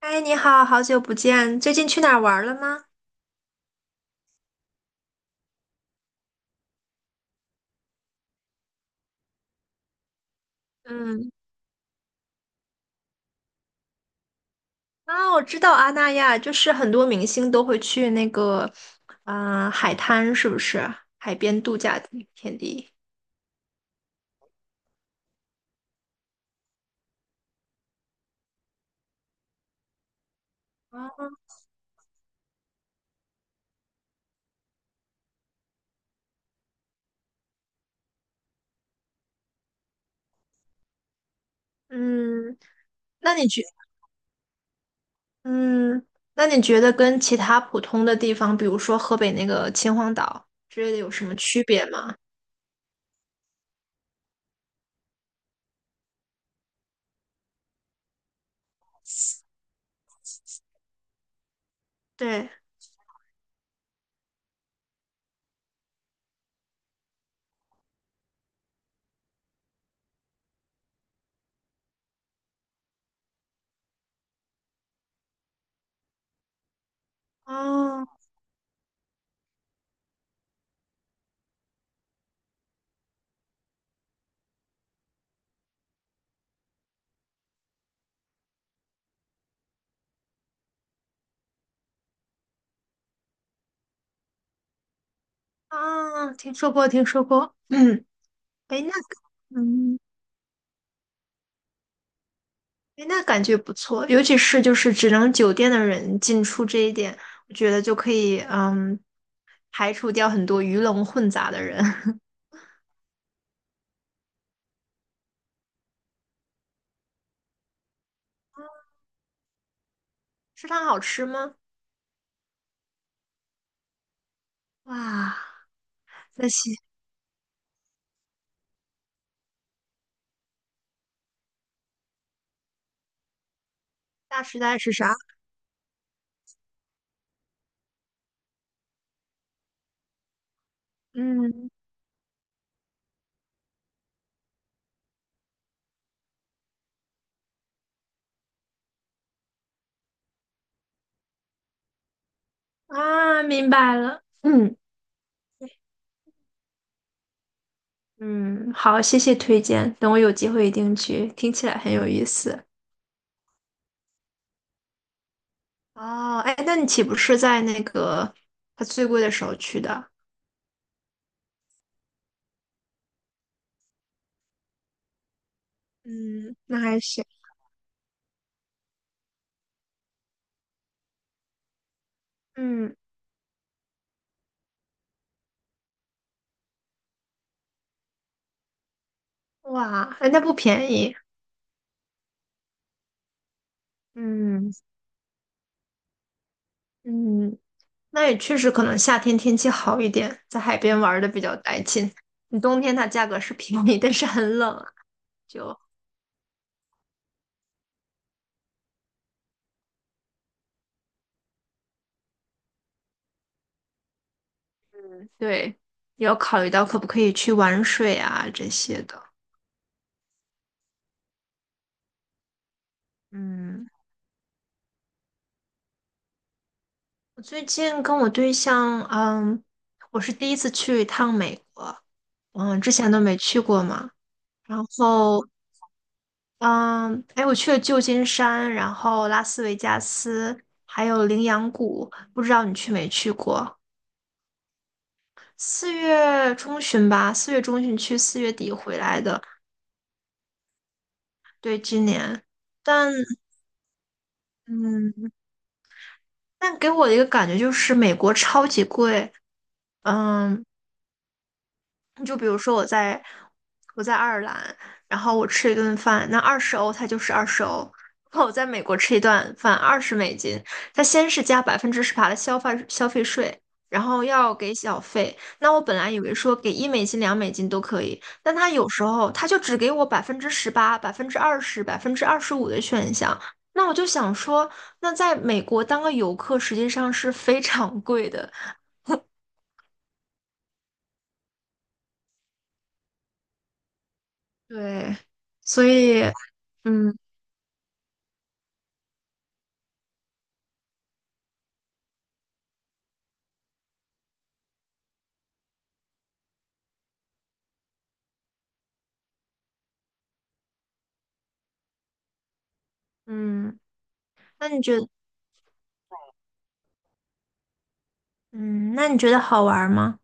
哎，你好，好久不见，最近去哪儿玩了吗？嗯，啊，我知道阿那亚，就是很多明星都会去那个，啊、海滩是不是？海边度假地天地。哦嗯，那你觉，嗯，那你觉得跟其他普通的地方，比如说河北那个秦皇岛之类的，有什么区别吗？对，哦，啊，听说过，听说过。嗯，哎，那，嗯，哎，那感觉不错，尤其是就是只能酒店的人进出这一点，我觉得就可以排除掉很多鱼龙混杂的人。食堂好吃吗？哇，那西大时代是啥？嗯明白了。嗯嗯，好，谢谢推荐，等我有机会一定去，听起来很有意思。哦，哎，那你岂不是在那个它最贵的时候去的？嗯，那还行。嗯，哇，哎，那不便宜。嗯。嗯，那也确实可能夏天天气好一点，在海边玩的比较带劲。你冬天它价格是便宜，但是很冷啊，就对，也要考虑到可不可以去玩水啊这些的。嗯，我最近跟我对象，我是第一次去一趟美国，嗯，之前都没去过嘛。然后，嗯，哎，我去了旧金山，然后拉斯维加斯，还有羚羊谷，不知道你去没去过？四月中旬吧，四月中旬去，四月底回来的。对，今年，但嗯，但给我的一个感觉就是美国超级贵，嗯。就比如说我在爱尔兰，然后我吃一顿饭，那二十欧它就是二十欧。然后我在美国吃一顿饭二十美金，它先是加百分之十八的消费税，然后要给小费。那我本来以为说给1美金、2美金都可以，但他有时候他就只给我百分之十八、百分之二十、25%的选项。那我就想说，那在美国当个游客实际上是非常贵的，对，所以嗯嗯。那你觉得，嗯，那你觉得好玩吗？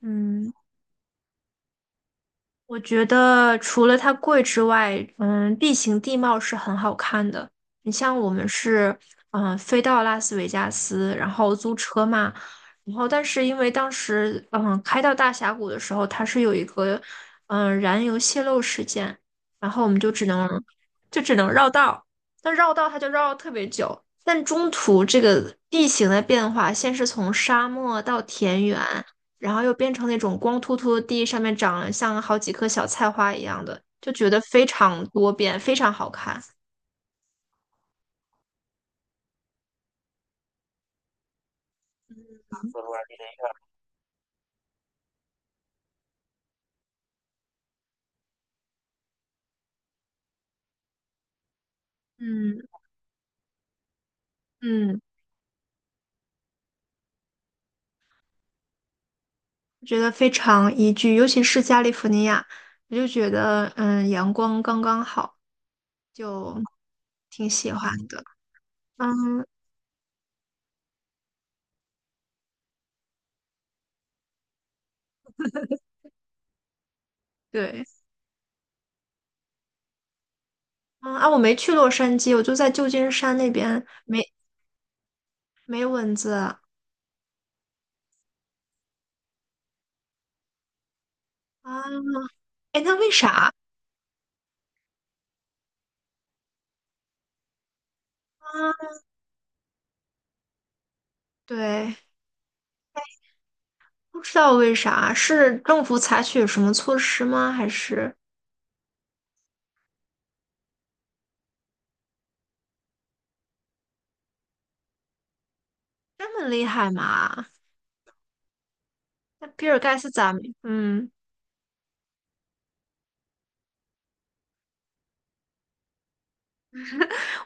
嗯，我觉得除了它贵之外，地形地貌是很好看的。你像我们是，飞到拉斯维加斯，然后租车嘛，然后但是因为当时，开到大峡谷的时候，它是有一个，燃油泄漏事件，然后我们就只能绕道。但绕道它就绕了特别久，但中途这个地形的变化，先是从沙漠到田园。然后又变成那种光秃秃的地，上面长了像好几棵小菜花一样的，就觉得非常多变，非常好看。嗯嗯，觉得非常宜居，尤其是加利福尼亚，我就觉得阳光刚刚好，就挺喜欢的。嗯，对，我没去洛杉矶，我就在旧金山那边，没蚊子啊。哎，那为啥啊？对，不知道为啥，是政府采取什么措施吗？还是这么厉害嘛？那比尔盖茨咋没嗯，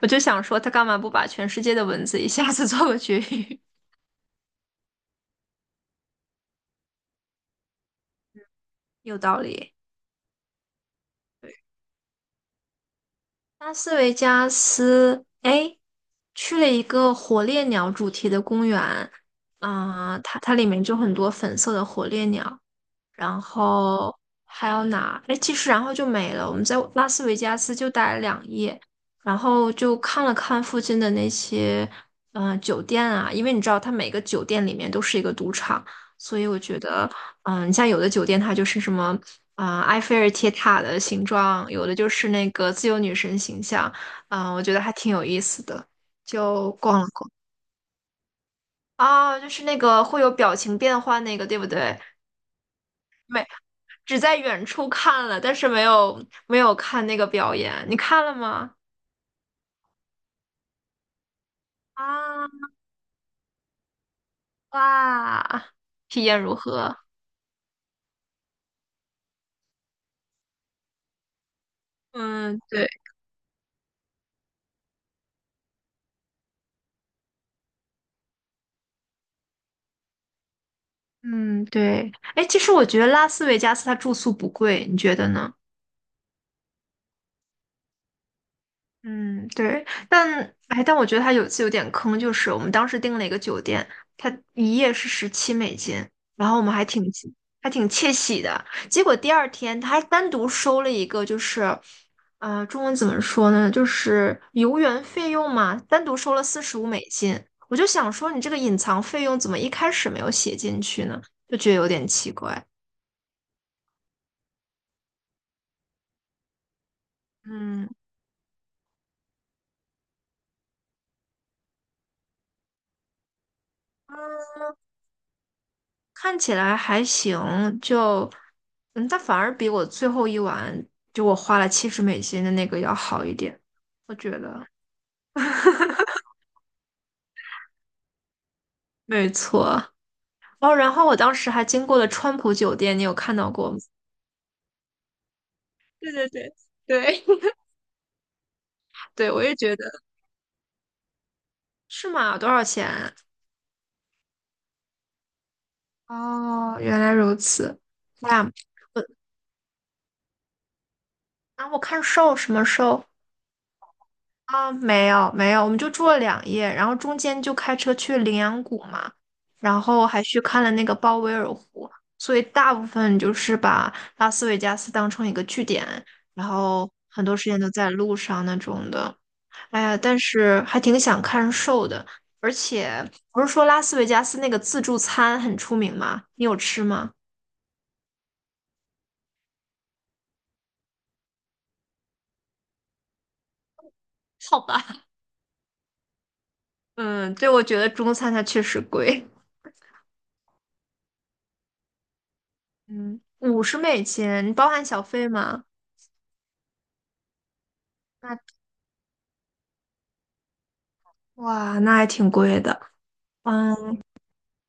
我就想说，他干嘛不把全世界的蚊子一下子 做个绝育？有道理。拉斯维加斯，哎，去了一个火烈鸟主题的公园，啊、它它里面就很多粉色的火烈鸟，然后还有哪？哎，其实然后就没了。我们在拉斯维加斯就待了两夜，然后就看了看附近的那些酒店啊，因为你知道它每个酒店里面都是一个赌场，所以我觉得你像有的酒店它就是什么啊、埃菲尔铁塔的形状，有的就是那个自由女神形象，我觉得还挺有意思的，就逛了逛。啊，就是那个会有表情变换那个，对不对？每只在远处看了，但是没有看那个表演。你看了吗？啊，哇，体验如何？嗯，对，嗯，对。哎，其实我觉得拉斯维加斯它住宿不贵，你觉得呢？嗯，对，但哎，但我觉得他有一次有点坑，就是我们当时订了一个酒店，他一夜是17美金，然后我们还挺窃喜的，结果第二天他还单独收了一个，就是，呃，中文怎么说呢，就是游园费用嘛，单独收了45美金，我就想说你这个隐藏费用怎么一开始没有写进去呢？就觉得有点奇怪。嗯。看起来还行，就嗯，它反而比我最后一晚就我花了70美金的那个要好一点，我觉得。没错。哦，然后我当时还经过了川普酒店，你有看到过吗？对对对对 对，我也觉得是吗？多少钱？哦，原来如此。那我啊，我看瘦什么瘦？啊，没有没有，我们就住了两夜，然后中间就开车去羚羊谷嘛，然后还去看了那个鲍威尔湖，所以大部分就是把拉斯维加斯当成一个据点，然后很多时间都在路上那种的。哎呀，但是还挺想看 s h 的，而且不是说拉斯维加斯那个自助餐很出名吗？你有吃吗？好吧，嗯，对，我觉得中餐它确实贵，嗯，50美金，你包含小费吗？哇，那还挺贵的。嗯，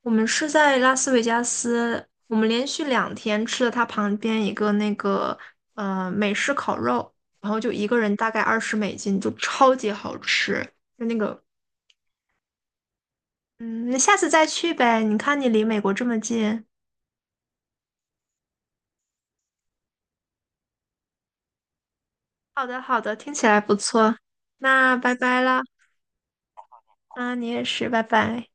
我们是在拉斯维加斯，我们连续两天吃了它旁边一个那个美式烤肉，然后就一个人大概二十美金，就超级好吃。就那个，嗯，你下次再去呗。你看你离美国这么近。好的，好的，听起来不错。那拜拜啦。啊，你也是，拜拜。